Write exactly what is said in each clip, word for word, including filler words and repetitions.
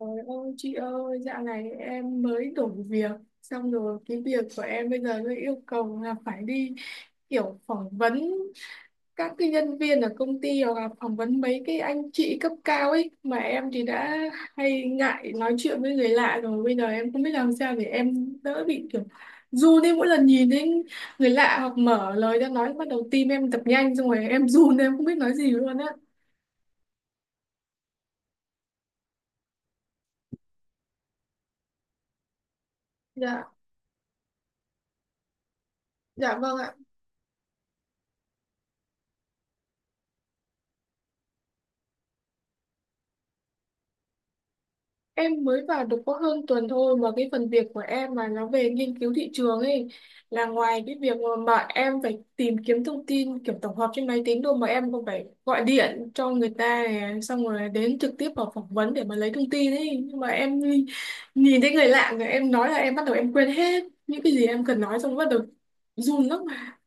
Trời ơi chị ơi, dạo này em mới đổi việc xong rồi cái việc của em bây giờ nó yêu cầu là phải đi kiểu phỏng vấn các cái nhân viên ở công ty hoặc là phỏng vấn mấy cái anh chị cấp cao ấy mà em thì đã hay ngại nói chuyện với người lạ rồi bây giờ em không biết làm sao để em đỡ bị kiểu run đi mỗi lần nhìn đến người lạ hoặc mở lời ra nói bắt đầu tim em đập nhanh xong rồi em run em không biết nói gì luôn á. Dạ, dạ vâng ạ. Em mới vào được có hơn tuần thôi mà cái phần việc của em mà nó về nghiên cứu thị trường ấy là ngoài cái việc mà, mà em phải tìm kiếm thông tin kiểu tổng hợp trên máy tính đâu mà em còn phải gọi điện cho người ta này, xong rồi đến trực tiếp vào phỏng vấn để mà lấy thông tin ấy nhưng mà em nhìn nhìn thấy người lạ rồi em nói là em bắt đầu em quên hết những cái gì em cần nói xong bắt đầu run lắm mà.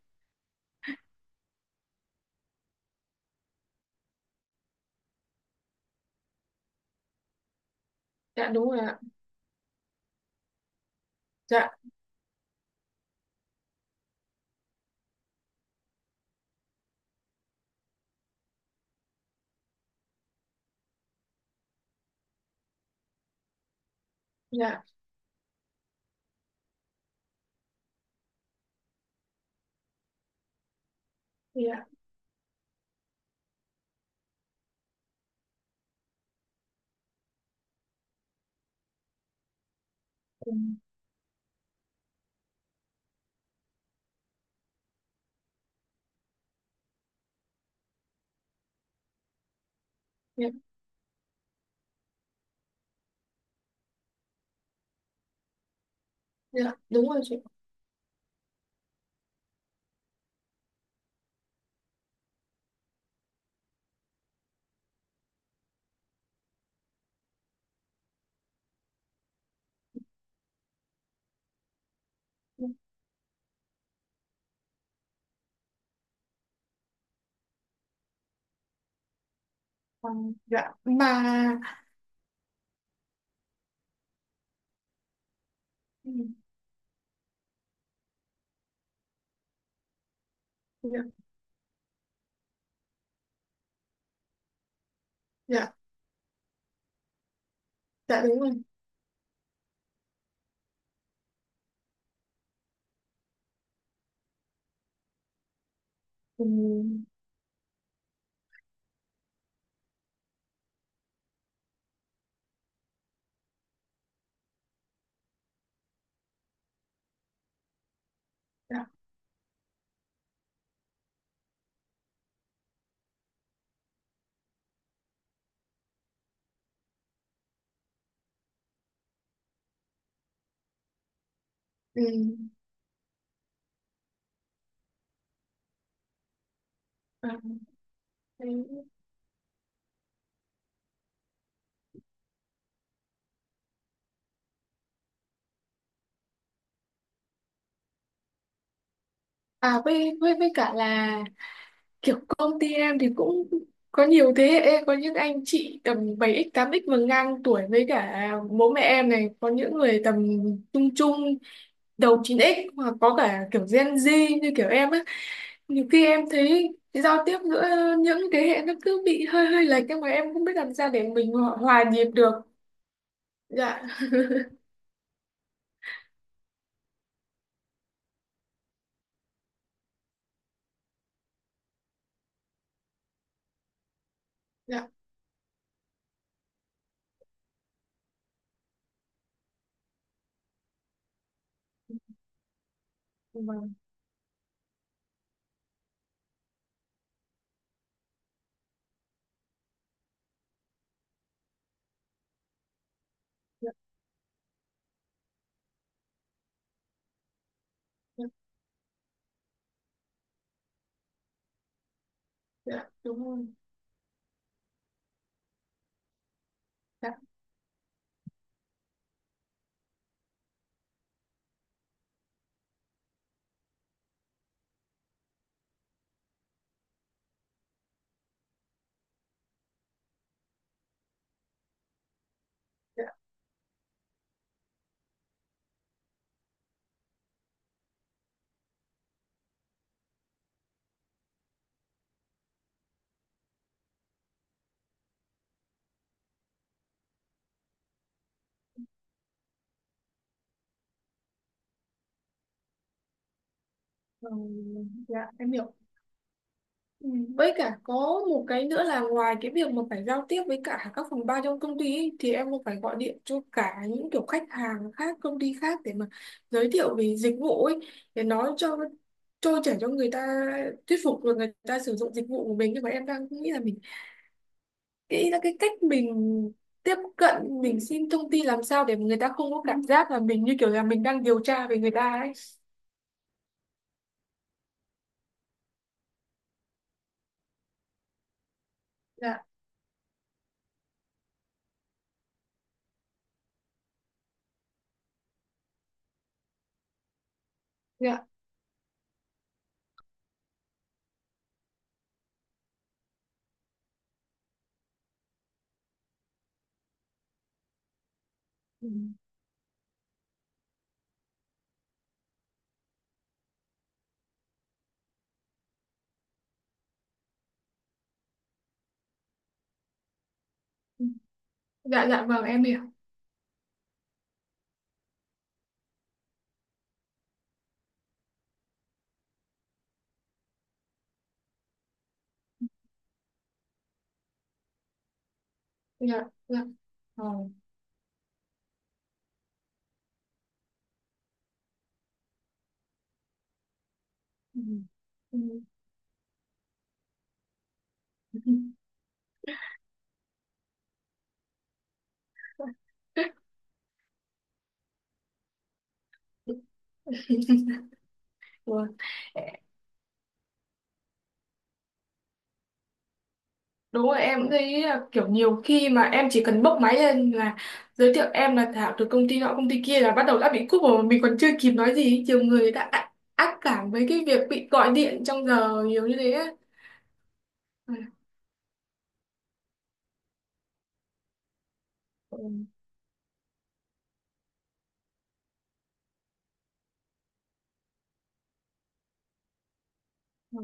Dạ đúng rồi ạ. Dạ. Dạ. Dạ. Ừ. Dạ. Dạ đúng rồi chị. Ừ. Dạ mà ừ. Dạ. Dạ. Dạ đúng rồi. Ừ. Dạ. Ừ. À, thế- à với, với với cả là kiểu công ty em thì cũng có nhiều thế hệ có những anh chị tầm bảy x tám x và ngang tuổi với cả bố mẹ em này có những người tầm trung trung đầu chín x hoặc có cả kiểu gen dét như kiểu em á nhiều khi em thấy cái giao tiếp giữa những thế hệ nó cứ bị hơi hơi lệch nhưng mà em không biết làm sao để mình hòa, hòa nhịp được. Dạ. Dạ vâng. Dạ, dạ, dạ, đúng rồi. Dạ, ừ, dạ em hiểu. Ừ. Với cả có một cái nữa là ngoài cái việc mà phải giao tiếp với cả các phòng ban trong công ty ấy, thì em cũng phải gọi điện cho cả những kiểu khách hàng khác, công ty khác để mà giới thiệu về dịch vụ ấy để nói cho trôi chảy cho người ta thuyết phục rồi người ta sử dụng dịch vụ của mình nhưng mà em đang nghĩ là mình nghĩ là cái cách mình tiếp cận mình xin thông tin làm sao để người ta không có cảm giác là mình như kiểu là mình đang điều tra về người ta ấy. Dạ, dạ. Ừ. Dạ, dạ vâng em hiểu. Dạ. Dạ. Ờ. Ừ. Ừ. Ừ. Đúng rồi em cũng thấy là kiểu nhiều khi mà em chỉ cần bốc máy lên là giới thiệu em là Thảo từ công ty nọ công ty kia là bắt đầu đã bị cúp rồi mà mình còn chưa kịp nói gì nhiều người đã ác ác cảm với cái việc bị gọi điện trong giờ nhiều như thế á. Ừ. Ừ. Ừ.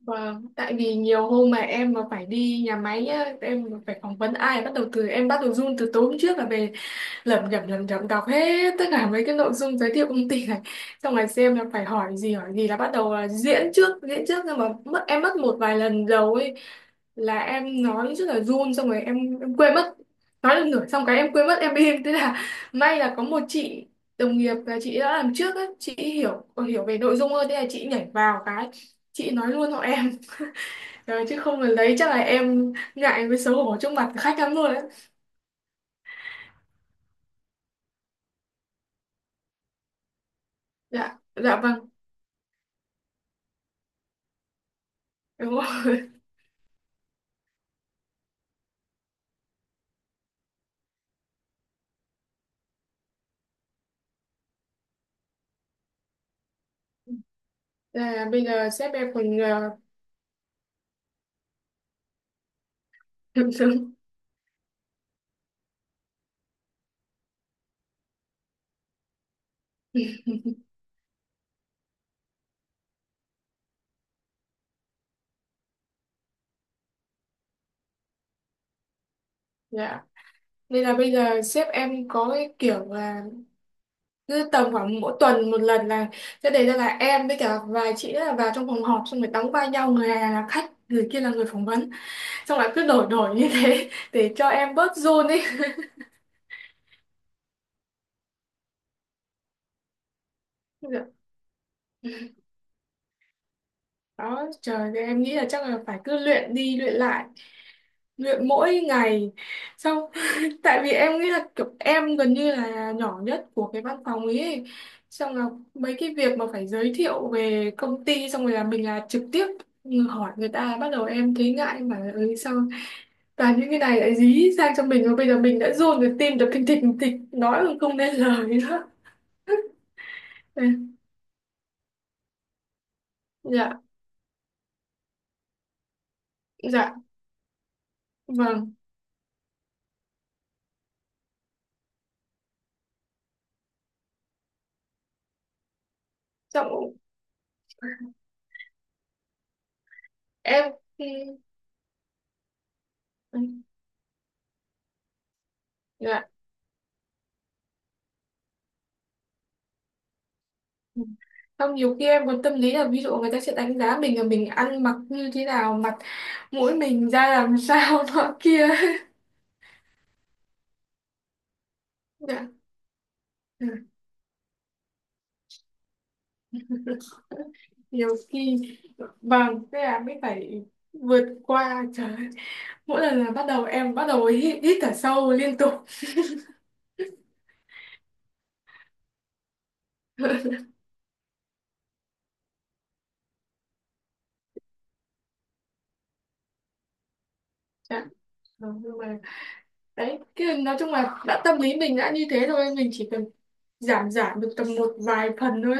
Vâng, tại vì nhiều hôm mà em mà phải đi nhà máy á, em mà phải phỏng vấn ai bắt đầu từ em bắt đầu run từ tối hôm trước là về lẩm nhẩm lẩm nhẩm đọc hết tất cả mấy cái nội dung giới thiệu công ty này xong rồi xem là phải hỏi gì hỏi gì là bắt đầu là diễn trước diễn trước nhưng mà mất em mất một vài lần đầu ấy là em nói rất là run xong rồi em em quên mất nói được nửa xong cái em quên mất em im thế là may là có một chị đồng nghiệp là chị đã làm trước ấy chị hiểu hiểu về nội dung hơn thế là chị nhảy vào cái chị nói luôn họ em. Ờ, chứ không là lấy chắc là em ngại với xấu hổ trước mặt khách lắm luôn đấy. Dạ. Dạ vâng đúng rồi. Là bây giờ sếp em còn uh, dạ nên là bây giờ sếp em có cái kiểu là cứ tầm khoảng mỗi tuần một lần là sẽ đề ra là em với cả vài chị là vào trong phòng họp xong rồi đóng vai nhau người này là khách người kia là người phỏng vấn xong lại cứ đổi đổi như thế để cho em bớt run ấy. Dạ. Đó trời ơi, em nghĩ là chắc là phải cứ luyện đi luyện lại luyện mỗi ngày xong tại vì em nghĩ là kiểu em gần như là nhỏ nhất của cái văn phòng ấy, ấy. Xong là mấy cái việc mà phải giới thiệu về công ty xong rồi là mình là trực tiếp hỏi người ta bắt đầu em thấy ngại em bảo là ừ, sao toàn những cái này lại dí sang cho mình và bây giờ mình đã run rồi tim đập thình thịch thình thịch nói mà không nên lời đó. Ừ. Dạ. Dạ vâng. Xong em ừ, ừ, dạ. Ừ. Không, nhiều khi em còn tâm lý là ví dụ người ta sẽ đánh giá mình là mình ăn mặc như thế nào, mặt mũi mình ra làm sao nọ kia. Dạ. Ừ. Nhiều khi vâng, thế là mới phải vượt qua trời ơi. Mỗi lần là bắt đầu em bắt đầu hít, hít thở sâu liên tục. Dạ. Vâng, nhưng mà đấy, cái nói chung là đã tâm lý mình đã như thế rồi mình chỉ cần giảm giảm được tầm một vài phần thôi.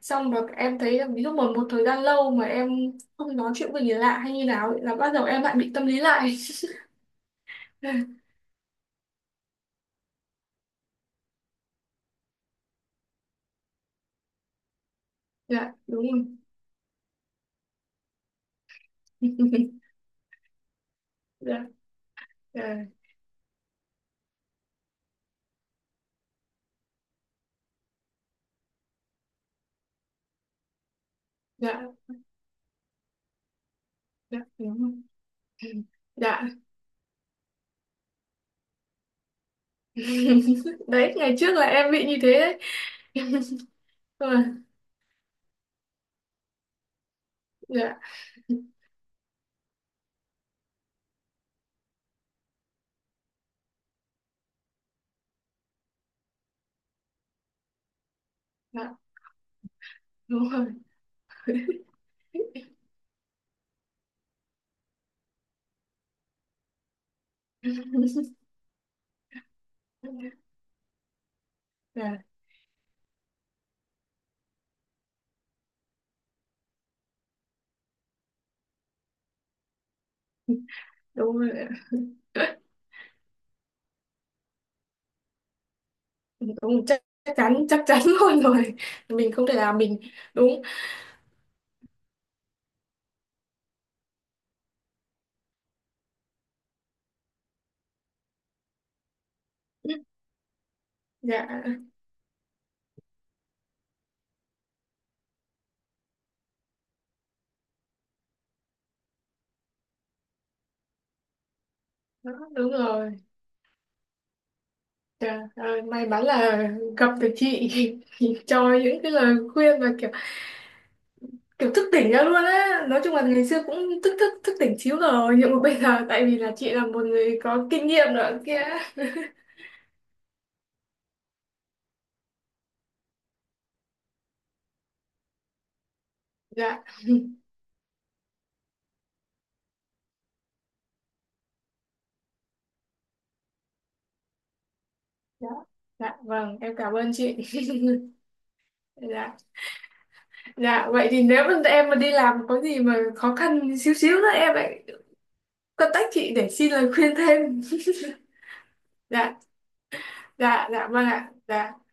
Xong rồi em thấy là ví dụ một một thời gian lâu mà em không nói chuyện với người lạ hay như nào ấy, là bắt đầu em lại bị tâm lý lại. Dạ đúng rồi. Dạ, dạ, dạ, dạ đúng rồi. Dạ. Đấy ngày trước là em bị như thế đấy. Rồi, dạ, dạ đúng rồi. Dạ đúng rồi ạ. Đúng, chắc chắc chắn chắc chắn luôn rồi. Mình không thể làm mình đúng. Dạ đó, đúng rồi. Trời ơi, may mắn là gặp được chị cho những cái lời khuyên và kiểu kiểu thức tỉnh ra luôn á nói chung là ngày xưa cũng thức thức thức tỉnh xíu rồi nhưng mà bây giờ tại vì là chị là một người có kinh nghiệm nữa kia. Dạ. Dạ. Dạ vâng em cảm ơn chị. Dạ. Dạ vậy thì nếu mà em mà đi làm có gì mà khó khăn xíu xíu nữa em lại contact chị để xin lời khuyên thêm. Dạ. Dạ. Dạ vâng ạ. Dạ.